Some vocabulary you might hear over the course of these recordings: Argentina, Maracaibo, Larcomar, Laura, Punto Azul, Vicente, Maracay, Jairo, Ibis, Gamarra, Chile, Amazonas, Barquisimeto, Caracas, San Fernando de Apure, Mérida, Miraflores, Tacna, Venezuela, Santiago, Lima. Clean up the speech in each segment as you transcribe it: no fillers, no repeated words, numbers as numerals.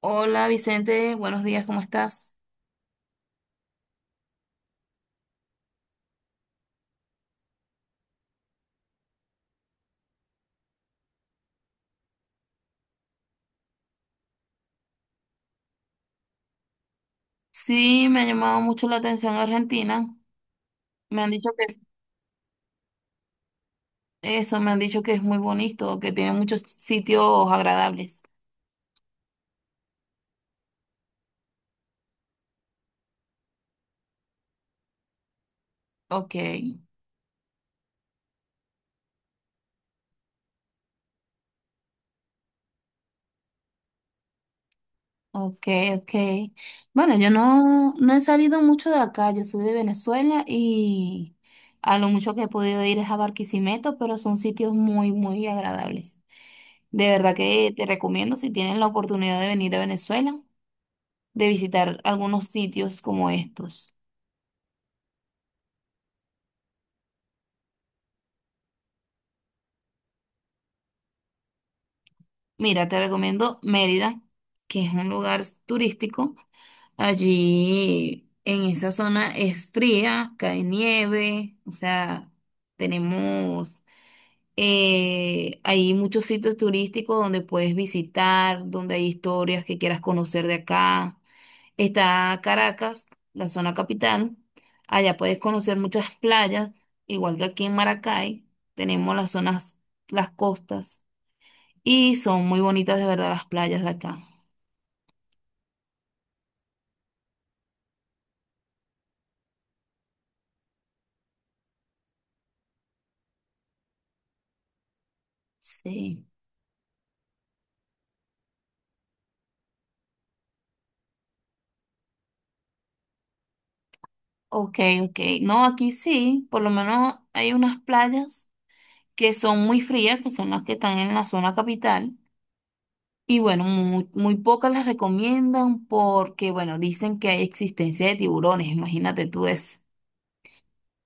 Hola Vicente, buenos días, ¿cómo estás? Sí, me ha llamado mucho la atención Argentina. Me han dicho que es- eso, me han dicho que es muy bonito, que tiene muchos sitios agradables. Ok, ok, ok. Bueno, yo no he salido mucho de acá, yo soy de Venezuela y a lo mucho que he podido ir es a Barquisimeto, pero son sitios muy, muy agradables. De verdad que te recomiendo si tienes la oportunidad de venir a Venezuela, de visitar algunos sitios como estos. Mira, te recomiendo Mérida, que es un lugar turístico. Allí en esa zona es fría, cae nieve, o sea, tenemos, hay muchos sitios turísticos donde puedes visitar, donde hay historias que quieras conocer de acá. Está Caracas, la zona capital. Allá puedes conocer muchas playas, igual que aquí en Maracay. Tenemos las zonas, las costas. Y son muy bonitas de verdad las playas de acá. Sí. Ok, ok. No, aquí sí, por lo menos hay unas playas que son muy frías, que son las que están en la zona capital. Y bueno, muy, muy pocas las recomiendan porque, bueno, dicen que hay existencia de tiburones, imagínate tú eso.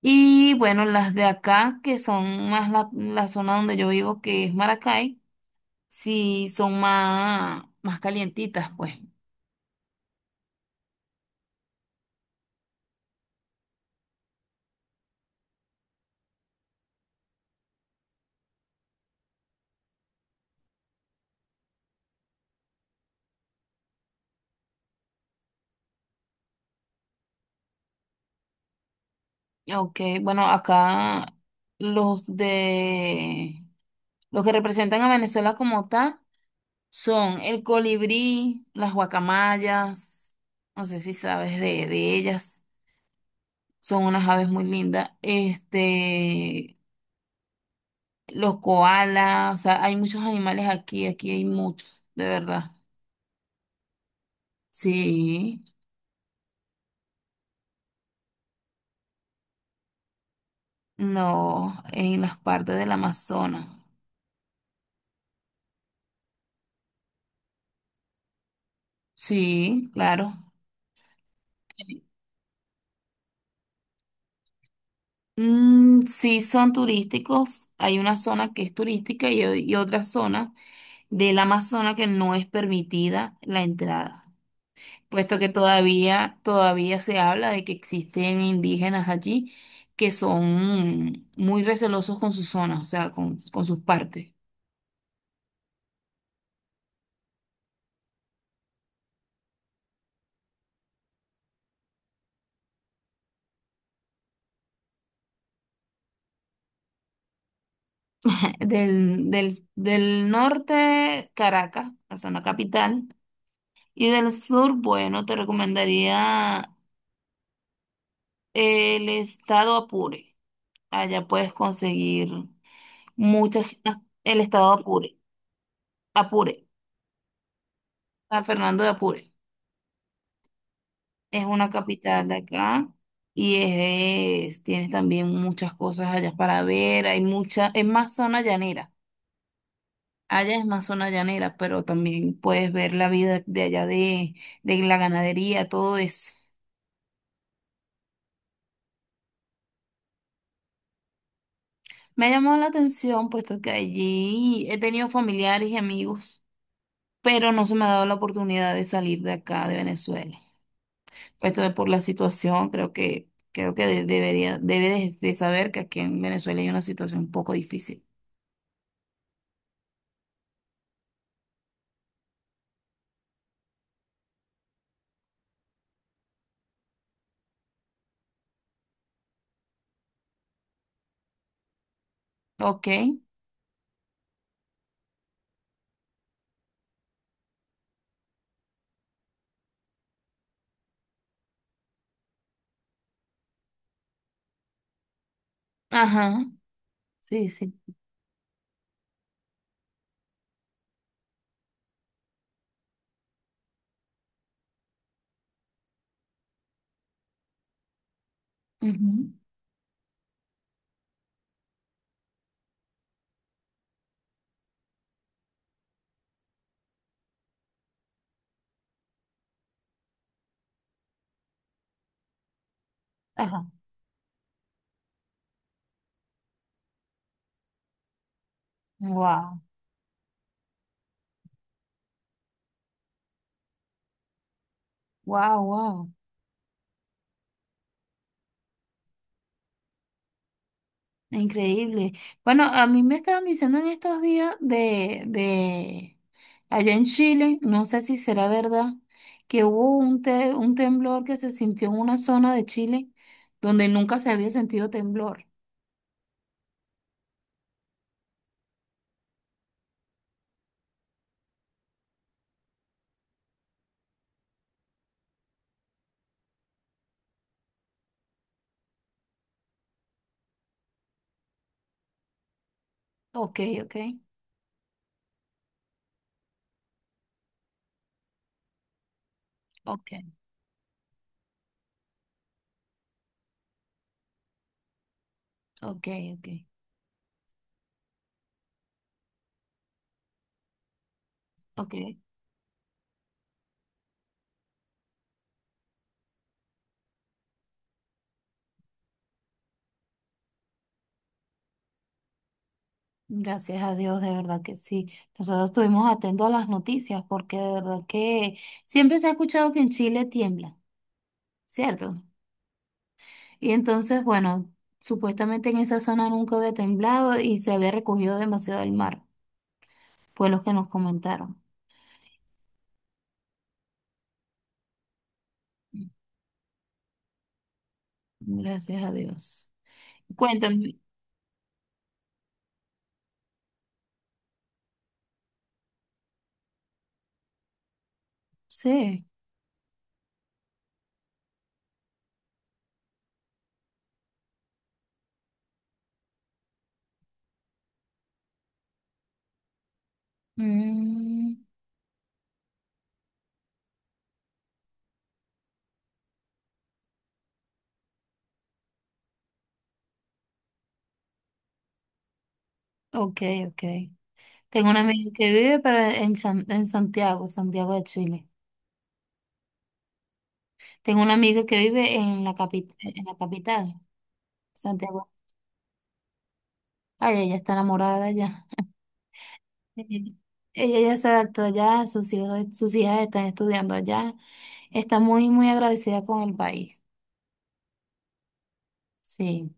Y bueno, las de acá, que son más la zona donde yo vivo, que es Maracay, sí son más, más calientitas, pues. Ok, bueno, acá los de los que representan a Venezuela como tal son el colibrí, las guacamayas, no sé si sabes de ellas, son unas aves muy lindas. Este, los koalas, o sea, hay muchos animales aquí, aquí hay muchos, de verdad. Sí, no, en las partes del Amazonas. Sí, claro. Mm, sí, son turísticos. Hay una zona que es turística y, o- y otra zona del Amazonas que no es permitida la entrada, puesto que todavía se habla de que existen indígenas allí que son muy recelosos con sus zonas, o sea, con sus partes. Del norte, Caracas, la zona capital, y del sur, bueno, te recomendaría el estado Apure. Allá puedes conseguir muchas zonas. El estado de Apure, Apure, San Fernando de Apure, es una capital de acá y es, tienes también muchas cosas allá para ver. Hay mucha, es más zona llanera. Allá es más zona llanera, pero también puedes ver la vida de allá de la ganadería, todo eso. Me ha llamado la atención, puesto que allí he tenido familiares y amigos, pero no se me ha dado la oportunidad de salir de acá, de Venezuela. Esto de por la situación, creo que de- debería, debes de saber que aquí en Venezuela hay una situación un poco difícil. Ok. Ajá. Sí, sí. Ujú. Ajá. Wow. Wow, wow. Increíble. Bueno, a mí me estaban diciendo en estos días de allá en Chile, no sé si será verdad, que hubo un, te- un temblor que se sintió en una zona de Chile donde nunca se había sentido temblor. Ok, ok, ok, ok, ok. Ok, gracias a Dios, de verdad que sí. Nosotros estuvimos atentos a las noticias porque de verdad que siempre se ha escuchado que en Chile tiembla, ¿cierto? Y entonces, bueno, supuestamente en esa zona nunca había temblado y se había recogido demasiado el mar, fue lo que nos comentaron. Gracias a Dios. Cuéntame, sí. Mm, ok, ok. Tengo una amiga que vive para, en, San- en Santiago, Santiago de Chile. Tengo una amiga que vive en la capital, en la capital. Santiago. Ay, ella está enamorada ya. Ella ella ya se adaptó allá, sus hijos, sus hijas están estudiando allá. Está muy, muy agradecida con el país. Sí,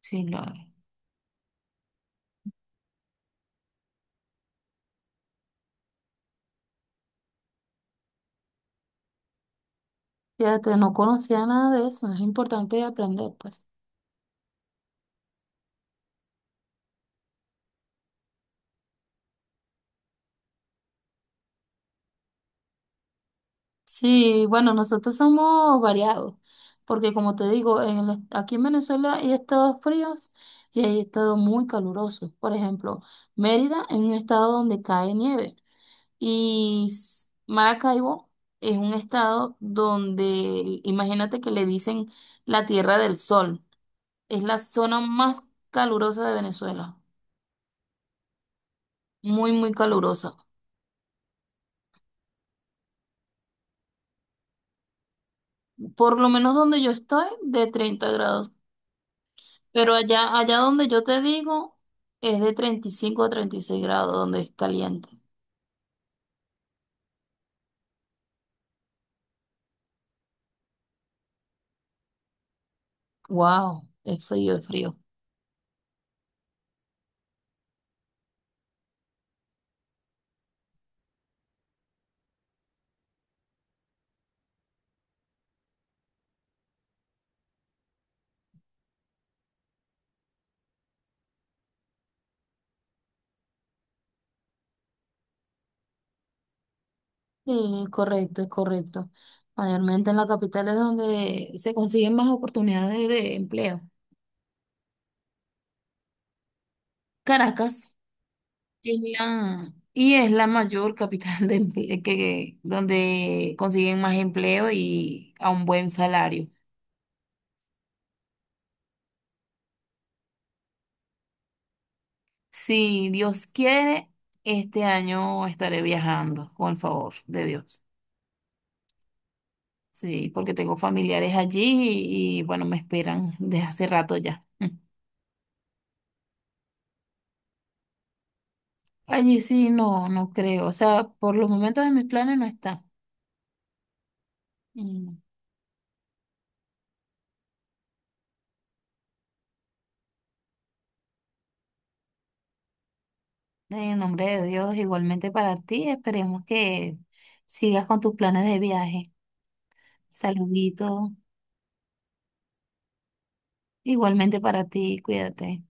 sí, Laura. Fíjate, no conocía nada de eso. Es importante aprender, pues. Sí, bueno, nosotros somos variados, porque como te digo, en el- est- aquí en Venezuela hay estados fríos y hay estados muy calurosos. Por ejemplo, Mérida es un estado donde cae nieve. Y s- Maracaibo es un estado donde, imagínate que le dicen la Tierra del Sol. Es la zona más calurosa de Venezuela. Muy, muy calurosa. Por lo menos donde yo estoy, de 30 grados. Pero allá, allá donde yo te digo, es de 35 a 36 grados, donde es caliente. Wow, es frío, es frío. Sí, correcto, es correcto. Mayormente en la capital es donde se consiguen más oportunidades de empleo. Caracas es la- y es la mayor capital de emple- que, donde consiguen más empleo y a un buen salario. Si Dios quiere, este año estaré viajando, con el favor de Dios. Sí, porque tengo familiares allí y, bueno, me esperan desde hace rato ya. Mm. Allí sí, no, no creo. O sea, por los momentos de mis planes no está. Mm. En nombre de Dios, igualmente para ti, esperemos que sigas con tus planes de viaje. Saludito. Igualmente para ti, cuídate.